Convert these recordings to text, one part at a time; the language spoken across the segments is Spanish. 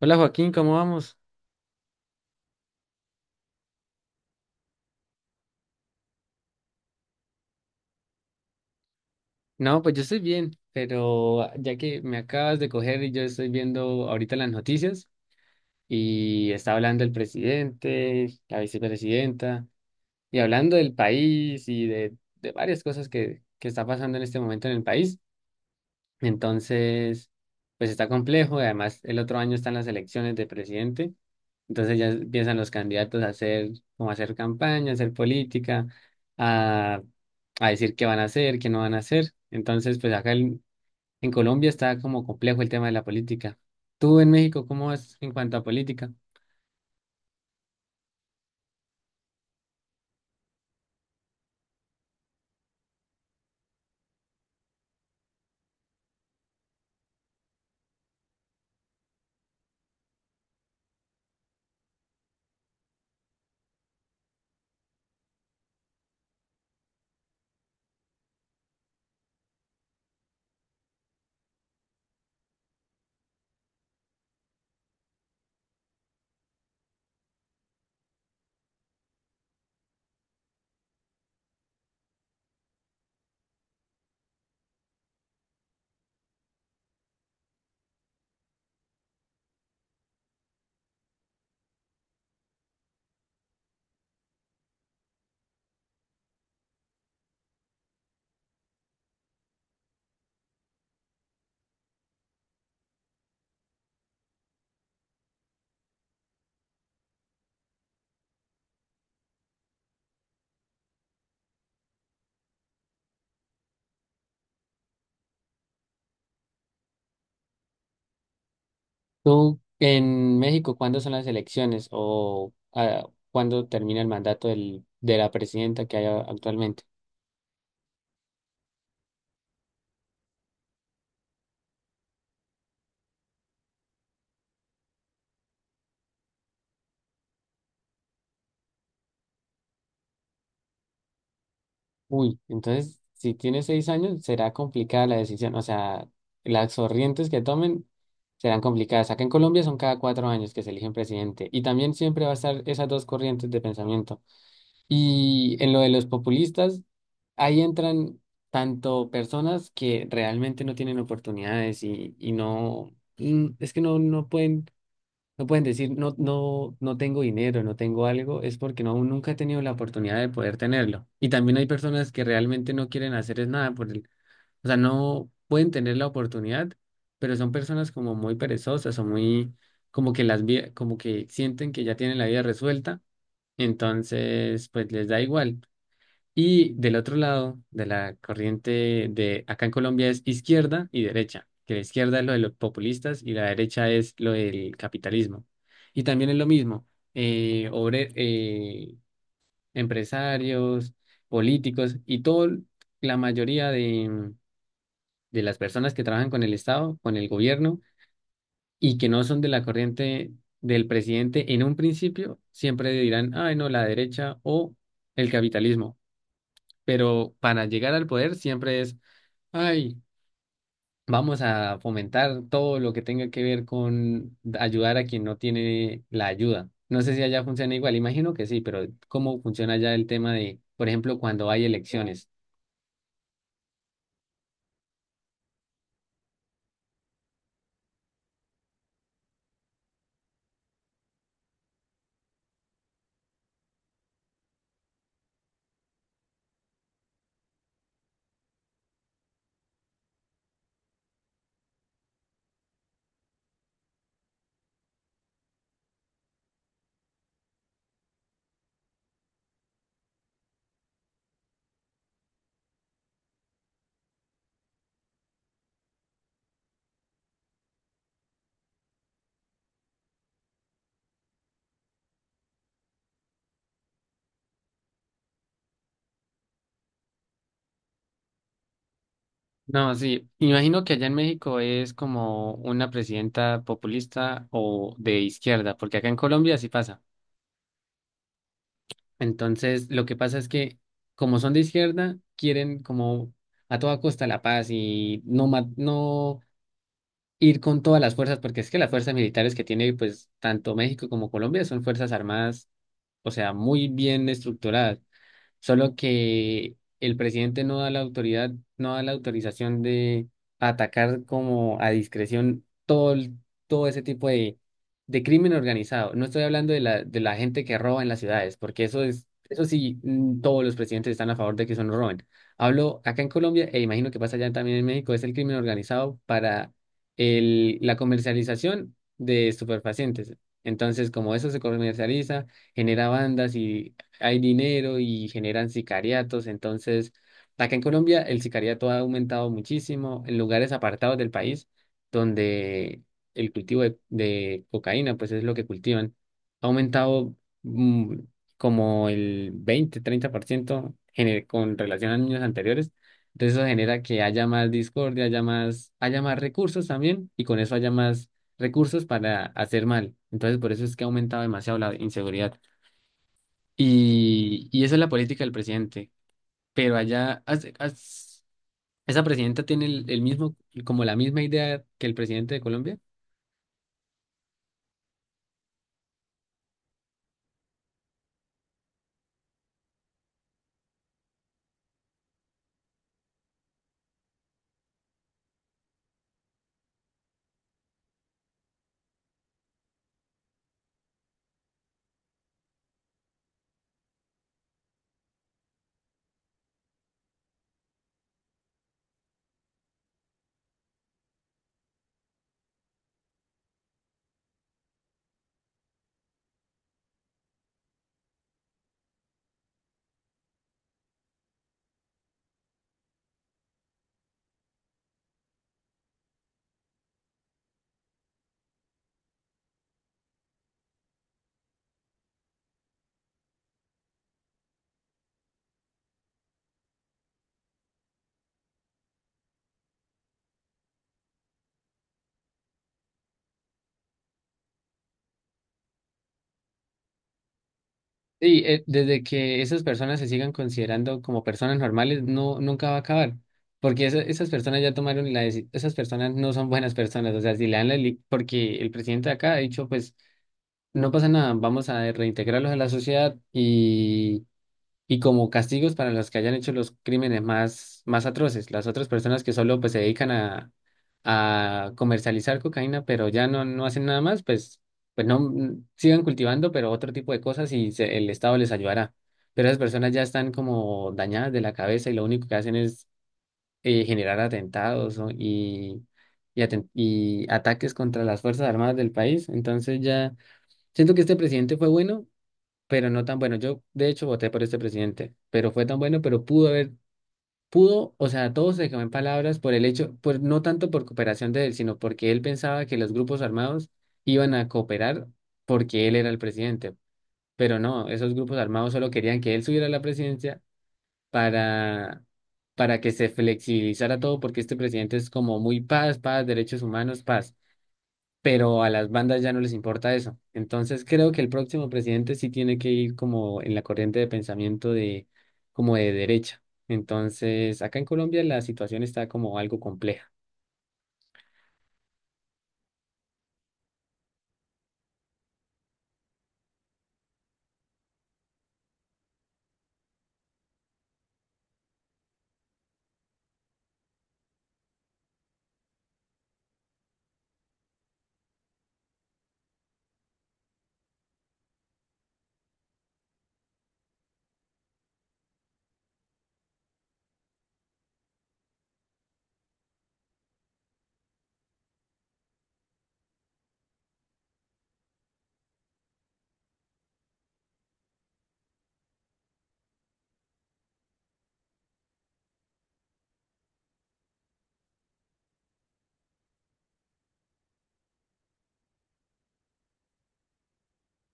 Hola Joaquín, ¿cómo vamos? No, pues yo estoy bien, pero ya que me acabas de coger y yo estoy viendo ahorita las noticias y está hablando el presidente, la vicepresidenta y hablando del país y de varias cosas que está pasando en este momento en el país. Entonces, pues está complejo y además el otro año están las elecciones de presidente. Entonces ya empiezan los candidatos a hacer, como a hacer campaña, a hacer política, a, a decir qué van a hacer, qué no van a hacer. Entonces, pues acá en Colombia está como complejo el tema de la política. ¿Tú en México cómo vas en cuanto a política? ¿Tú en México cuándo son las elecciones o cuándo termina el mandato de la presidenta que hay actualmente? Uy, entonces, si tiene 6 años, será complicada la decisión. O sea, las corrientes que tomen serán complicadas. Acá en Colombia son cada 4 años que se eligen presidente. Y también siempre va a estar esas dos corrientes de pensamiento. Y en lo de los populistas, ahí entran tanto personas que realmente no tienen oportunidades y no, es que no pueden. No pueden decir, no, no, no tengo dinero, no tengo algo, es porque no, aún nunca he tenido la oportunidad de poder tenerlo. Y también hay personas que realmente no quieren hacer es nada por el, o sea, no pueden tener la oportunidad, pero son personas como muy perezosas o muy, como que como que sienten que ya tienen la vida resuelta, entonces pues les da igual. Y del otro lado de la corriente de acá en Colombia es izquierda y derecha, que la izquierda es lo de los populistas y la derecha es lo del capitalismo. Y también es lo mismo, eh, obre- eh, empresarios, políticos y todo, la mayoría de las personas que trabajan con el Estado, con el gobierno y que no son de la corriente del presidente en un principio, siempre dirán, ay, no, la derecha o el capitalismo, pero para llegar al poder siempre es, ay, vamos a fomentar todo lo que tenga que ver con ayudar a quien no tiene la ayuda. No sé si allá funciona igual, imagino que sí, pero ¿cómo funciona allá el tema de, por ejemplo, cuando hay elecciones? No, sí, imagino que allá en México es como una presidenta populista o de izquierda, porque acá en Colombia sí pasa. Entonces, lo que pasa es que como son de izquierda, quieren como a toda costa la paz y no ir con todas las fuerzas, porque es que las fuerzas militares que tiene pues tanto México como Colombia son fuerzas armadas, o sea, muy bien estructuradas, solo que el presidente no da la autoridad, no da la autorización de atacar como a discreción todo, todo ese tipo de crimen organizado. No estoy hablando de la gente que roba en las ciudades, porque eso es, eso sí, todos los presidentes están a favor de que eso no roben. Hablo acá en Colombia, e imagino que pasa allá también en México, es el crimen organizado para la comercialización de estupefacientes. Entonces, como eso se comercializa, genera bandas y hay dinero y generan sicariatos. Entonces, acá en Colombia el sicariato ha aumentado muchísimo en lugares apartados del país donde el cultivo de cocaína, pues es lo que cultivan, ha aumentado mm, como el 20, 30% con relación a años anteriores. Entonces eso genera que haya más discordia, haya más recursos también y con eso haya más recursos para hacer mal. Entonces por eso es que ha aumentado demasiado la inseguridad. Y esa es la política del presidente. Pero allá, esa presidenta tiene el mismo, como la misma idea que el presidente de Colombia. Y desde que esas personas se sigan considerando como personas normales, no, nunca va a acabar. Porque esas personas ya tomaron la decisión, esas personas no son buenas personas. O sea, si le dan la, porque el presidente de acá ha dicho, pues, no pasa nada, vamos a reintegrarlos a la sociedad y como castigos para los que hayan hecho los crímenes más atroces. Las otras personas que solo pues se dedican a comercializar cocaína, pero ya no, no hacen nada más, pues, pues no sigan cultivando, pero otro tipo de cosas y el Estado les ayudará. Pero esas personas ya están como dañadas de la cabeza y lo único que hacen es generar atentados, ¿no? Y y ataques contra las Fuerzas Armadas del país. Entonces ya siento que este presidente fue bueno pero no tan bueno. Yo, de hecho, voté por este presidente, pero fue tan bueno, pero o sea, todo se quedó en palabras por el hecho, pues no tanto por cooperación de él, sino porque él pensaba que los grupos armados iban a cooperar porque él era el presidente. Pero no, esos grupos armados solo querían que él subiera a la presidencia para, para que se flexibilizara todo, porque este presidente es como muy paz, paz, derechos humanos, paz, pero a las bandas ya no les importa eso. Entonces creo que el próximo presidente sí tiene que ir como en la corriente de pensamiento de como de derecha. Entonces, acá en Colombia la situación está como algo compleja.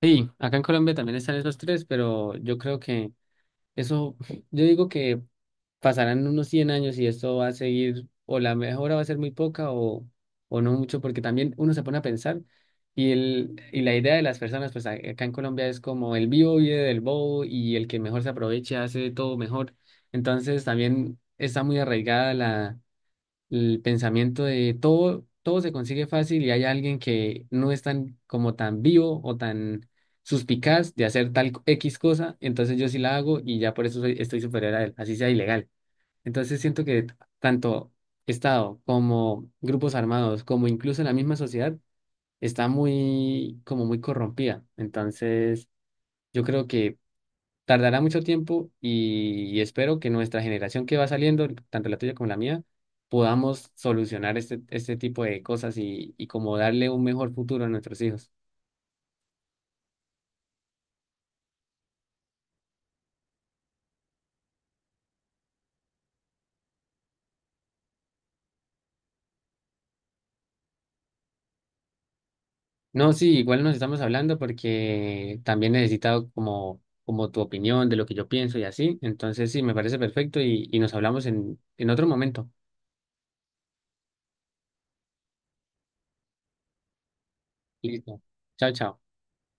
Sí, acá en Colombia también están esos tres, pero yo creo que eso, yo digo que pasarán unos 100 años y esto va a seguir, o la mejora va a ser muy poca o no mucho, porque también uno se pone a pensar y, el, y la idea de las personas, pues acá en Colombia es como el vivo vive del bobo y el que mejor se aproveche hace todo mejor. Entonces también está muy arraigada el pensamiento de todo, todo se consigue fácil y hay alguien que no es tan como tan vivo o tan suspicaz de hacer tal X cosa, entonces yo sí la hago y ya por eso estoy superior a él, así sea ilegal. Entonces siento que tanto Estado como grupos armados, como incluso la misma sociedad, está muy, como muy corrompida. Entonces yo creo que tardará mucho tiempo y espero que nuestra generación que va saliendo, tanto la tuya como la mía, podamos solucionar este tipo de cosas y como darle un mejor futuro a nuestros hijos. No, sí, igual nos estamos hablando porque también necesitado como, como tu opinión de lo que yo pienso y así. Entonces, sí, me parece perfecto y nos hablamos en otro momento. Listo. Chao, chao.